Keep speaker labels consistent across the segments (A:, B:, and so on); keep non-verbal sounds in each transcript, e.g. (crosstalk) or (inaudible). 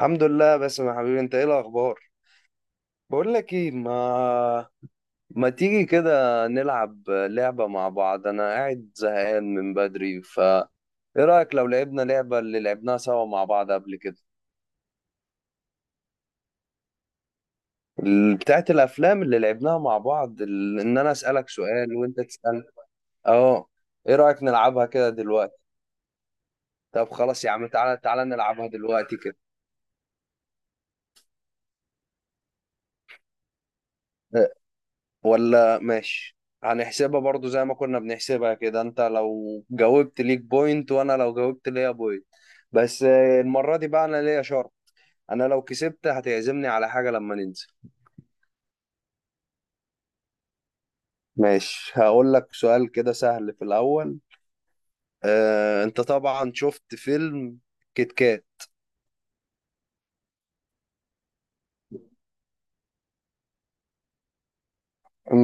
A: الحمد لله، بس يا حبيبي انت ايه الاخبار؟ بقول لك ايه، ما تيجي كده نلعب لعبة مع بعض؟ انا قاعد زهقان من بدري، ف ايه رأيك لو لعبنا لعبة اللي لعبناها سوا مع بعض قبل كده؟ بتاعت الافلام اللي لعبناها مع بعض، ان انا اسألك سؤال وانت تسأل. اه. ايه رأيك نلعبها كده دلوقتي؟ طب خلاص يا عم، تعالى تعالى نلعبها دلوقتي كده. ولا ماشي. هنحسبها برضو زي ما كنا بنحسبها كده، انت لو جاوبت ليك بوينت وانا لو جاوبت ليا بوينت. بس المرة دي بقى انا ليا شرط. انا لو كسبت هتعزمني على حاجة لما ننزل. ماشي، هقول لك سؤال كده سهل في الاول. انت طبعا شفت فيلم كيت كات.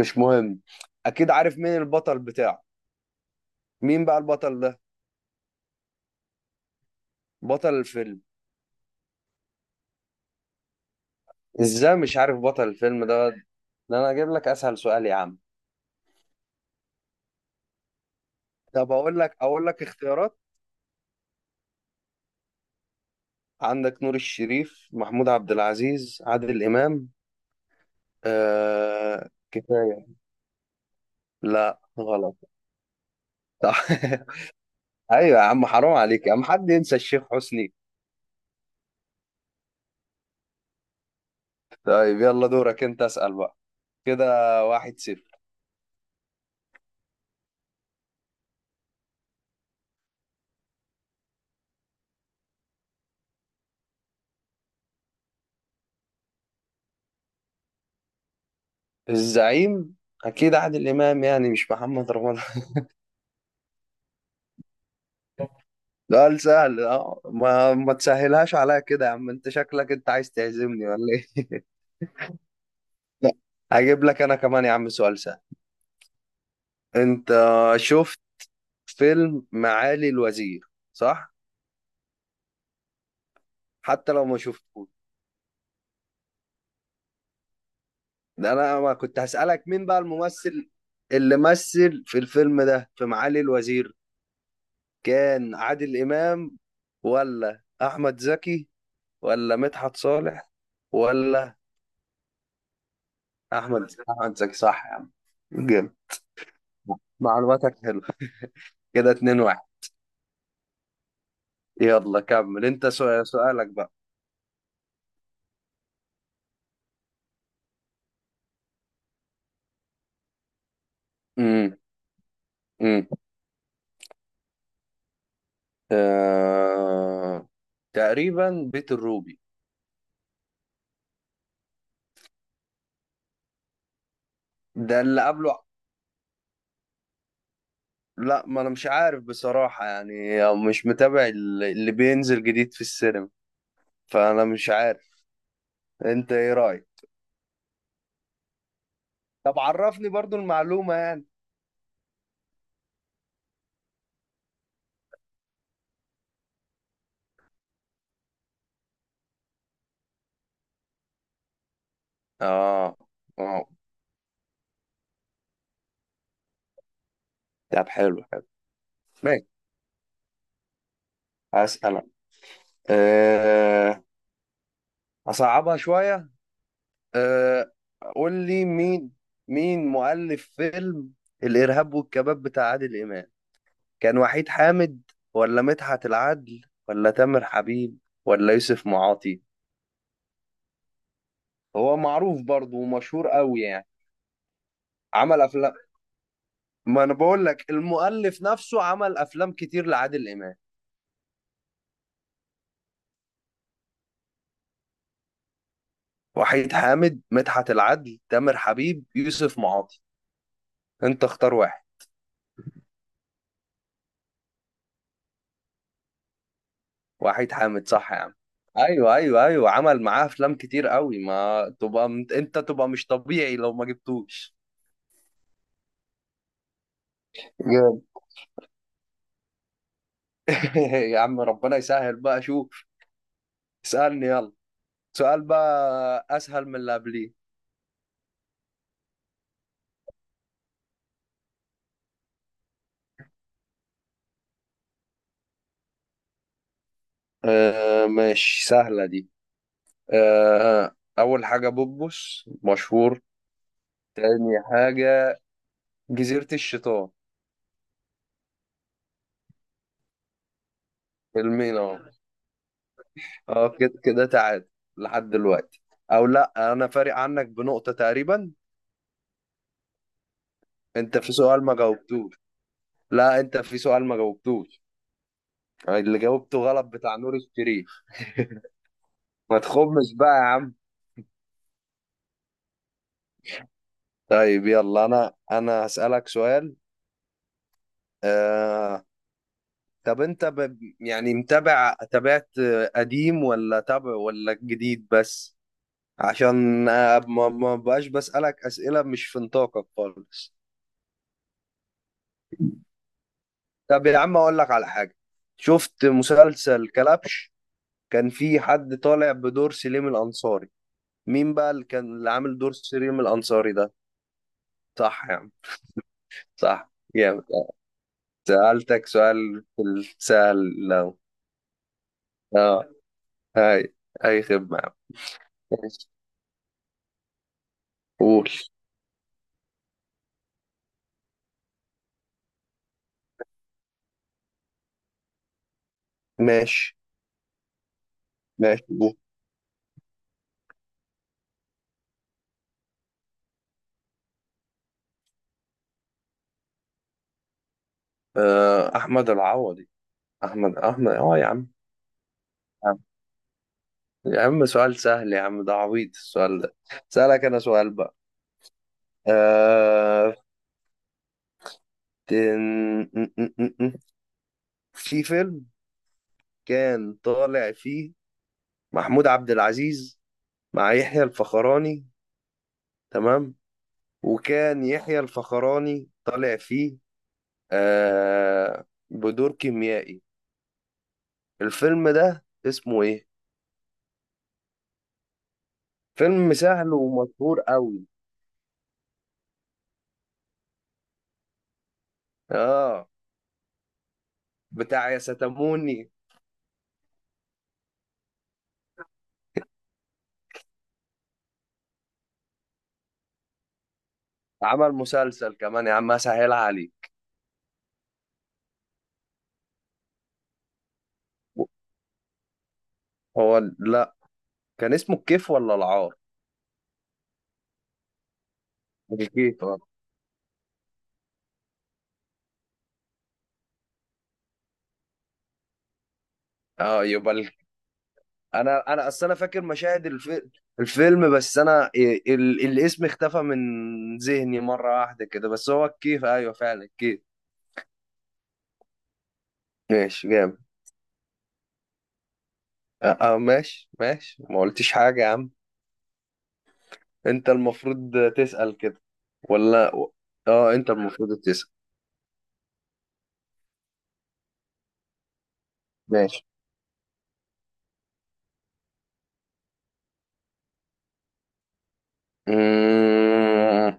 A: مش مهم، اكيد عارف مين البطل بتاعه. مين بقى البطل ده؟ بطل الفيلم. ازاي مش عارف بطل الفيلم ده؟ ده انا اجيب لك اسهل سؤال يا عم. طب اقول لك اختيارات. عندك نور الشريف، محمود عبد العزيز، عادل إمام. آه، كفاية. لا، غلط. (laughs) أيوة يا عم، حرام عليك يا عم، حد ينسى الشيخ حسني؟ طيب يلا دورك أنت، أسأل بقى. كده 1-0. الزعيم. أكيد عادل إمام، يعني مش محمد رمضان. (laughs) ده سهل. أه، ما تسهلهاش عليا كده يا عم. أنت شكلك أنت عايز تعزمني ولا إيه؟ (laughs) لا، هجيب لك أنا كمان يا عم سؤال سهل. أنت شفت فيلم معالي الوزير، صح؟ حتى لو ما شفتوش، ده انا ما كنت هسألك مين بقى الممثل اللي مثل في الفيلم ده. في معالي الوزير كان عادل إمام ولا احمد زكي ولا مدحت صالح ولا احمد زكي؟ احمد زكي، صح يا عم. جامد، معلوماتك حلوه. كده 2-1. يلا كمل انت، سؤالك بقى. امم امم آه... تقريبا بيت الروبي. ده اللي قبله. لا، ما انا مش عارف بصراحة يعني، مش متابع اللي بينزل جديد في السينما، فانا مش عارف. انت ايه رأيك؟ طب عرفني برضو المعلومة يعني. اه. اه. طب حلو حلو. ماشي، هسألك. أه... اصعبها شوية. أه... قول لي مين، مين مؤلف فيلم الإرهاب والكباب بتاع عادل إمام؟ كان وحيد حامد ولا مدحت العدل ولا تامر حبيب ولا يوسف معاطي؟ هو معروف برضه ومشهور قوي يعني، عمل افلام. ما انا بقول لك المؤلف نفسه عمل افلام كتير لعادل امام. وحيد حامد، مدحت العدل، تامر حبيب، يوسف معاطي. انت اختار واحد. وحيد حامد، صح يا عم. ايوه ايوه ايوه، عمل معاه افلام كتير قوي. ما تبقى انت تبقى مش طبيعي لو ما جبتوش. جامد. (laughs) يا عم ربنا يسهل بقى، شوف، اسألني يلا سؤال بقى اسهل من اللي قبليه. آه ماشي، سهلة دي. أول حاجة، بوبوس مشهور. تاني حاجة، جزيرة الشيطان. فيلمين أهو. أه، كده كده تعادل لحد دلوقتي. أو لأ، أنا فارق عنك بنقطة تقريبا. أنت في سؤال ما جاوبتوش. لا، أنت في سؤال ما جاوبتوش، اللي جاوبته غلط بتاع نور الشريف. (laughs) ما تخمش بقى يا عم. طيب يلا أنا هسألك سؤال. آه. طب أنت يعني متابع، تابعت قديم ولا تابع ولا جديد بس؟ عشان ما بقاش بسألك أسئلة مش في نطاقك خالص. طب يا عم، أقول لك على حاجة. شفت مسلسل كلبش؟ كان في حد طالع بدور سليم الأنصاري. مين بقى اللي عامل دور سليم الأنصاري ده؟ صح يا عم. صح. جامد آه. سألتك سؤال في السهل لو. اه. هاي، أي خدمة يا عم. ماشي. قول. ماشي. ماشي قول. آه، أحمد العوضي. أحمد أحمد أه يا عم. يا عم سؤال سهل يا عم، ده عبيط السؤال ده. سألك أنا سؤال بقى. آه... تن... م- م- م- م. في فيلم كان طالع فيه محمود عبد العزيز مع يحيى الفخراني، تمام؟ وكان يحيى الفخراني طالع فيه بدور كيميائي. الفيلم ده اسمه إيه؟ فيلم سهل ومشهور قوي. آه، بتاع يا ستموني. عمل مسلسل كمان يا عم، أسهلها عليك. هو لا، كان اسمه الكيف ولا العار؟ اكيد اه. اه يبقى انا اصل انا فاكر مشاهد الفيلم، بس انا الاسم اختفى من ذهني مره واحده كده. بس هو الكيف، ايوه فعلا الكيف. ماشي، جامد. اه. آه، ماشي ماشي، ما قلتش حاجه يا عم. انت المفروض تسأل كده ولا؟ اه، انت المفروض تسأل. ماشي. مم...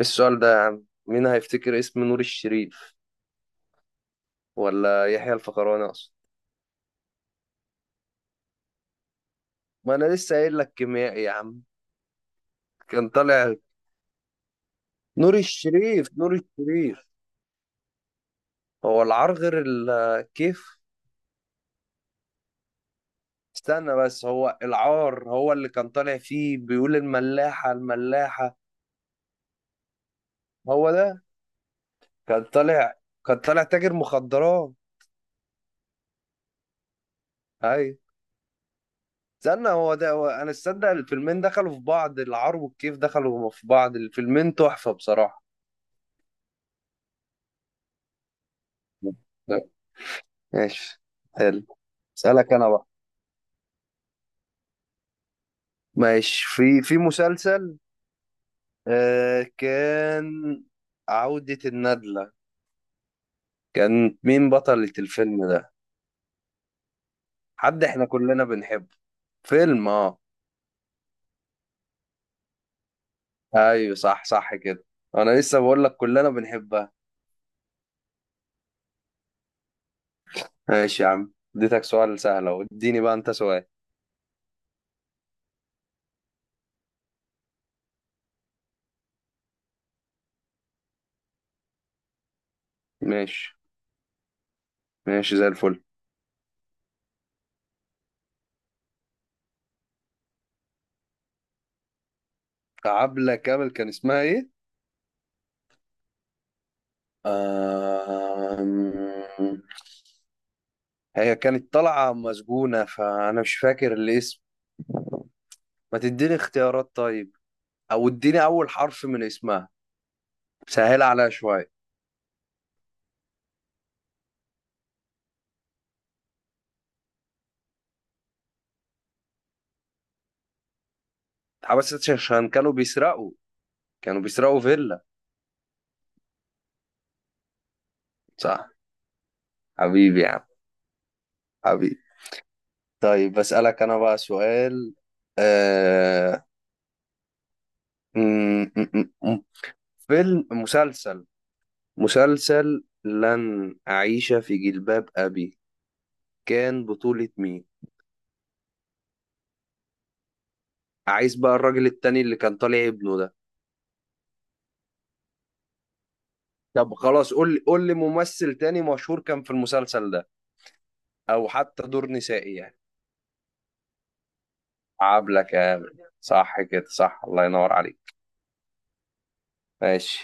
A: السؤال ده يا عم، مين هيفتكر اسم نور الشريف ولا يحيى الفخراني اصلا؟ ما انا لسه قايل لك كيميائي يا عم. كان طالع. نور الشريف، نور الشريف. هو العار غير الكيف؟ استنى بس، هو العار هو اللي كان طالع فيه بيقول الملاحة الملاحة. هو ده. كان طالع كان طالع تاجر مخدرات. اي. استنى، هو ده هو. انا استنى، الفيلمين دخلوا في بعض، العار والكيف دخلوا في بعض. الفيلمين تحفة بصراحة. ماشي. حلو، اسألك انا بقى. ماشي. في مسلسل آه كان عودة الندلة، كان مين بطلة الفيلم ده؟ حد احنا كلنا بنحبه. فيلم، اه. ايوه، صح صح كده. انا لسه بقول لك كلنا بنحبها. ماشي يا عم، اديتك سؤال سهل اهو، اديني بقى انت سؤال. ماشي ماشي زي الفل. عبلة كامل كان اسمها ايه؟ آم... هي كانت طالعة مسجونة، فانا مش فاكر الاسم. ما تديني اختيارات طيب، او اديني اول حرف من اسمها، سهل عليها شوية. بس عشان كانوا بيسرقوا، كانوا بيسرقوا فيلا. صح. حبيبي يا عم، حبيبي. طيب بسألك أنا بقى سؤال. آه... م- م- م- مسلسل، مسلسل لن أعيش في جلباب أبي، كان بطولة مين؟ عايز بقى الراجل التاني اللي كان طالع ابنه ده. طب خلاص، قول لي قول لي ممثل تاني مشهور كان في المسلسل ده، أو حتى دور نسائي يعني. عبلة كامل، صح كده. صح، الله ينور عليك. ماشي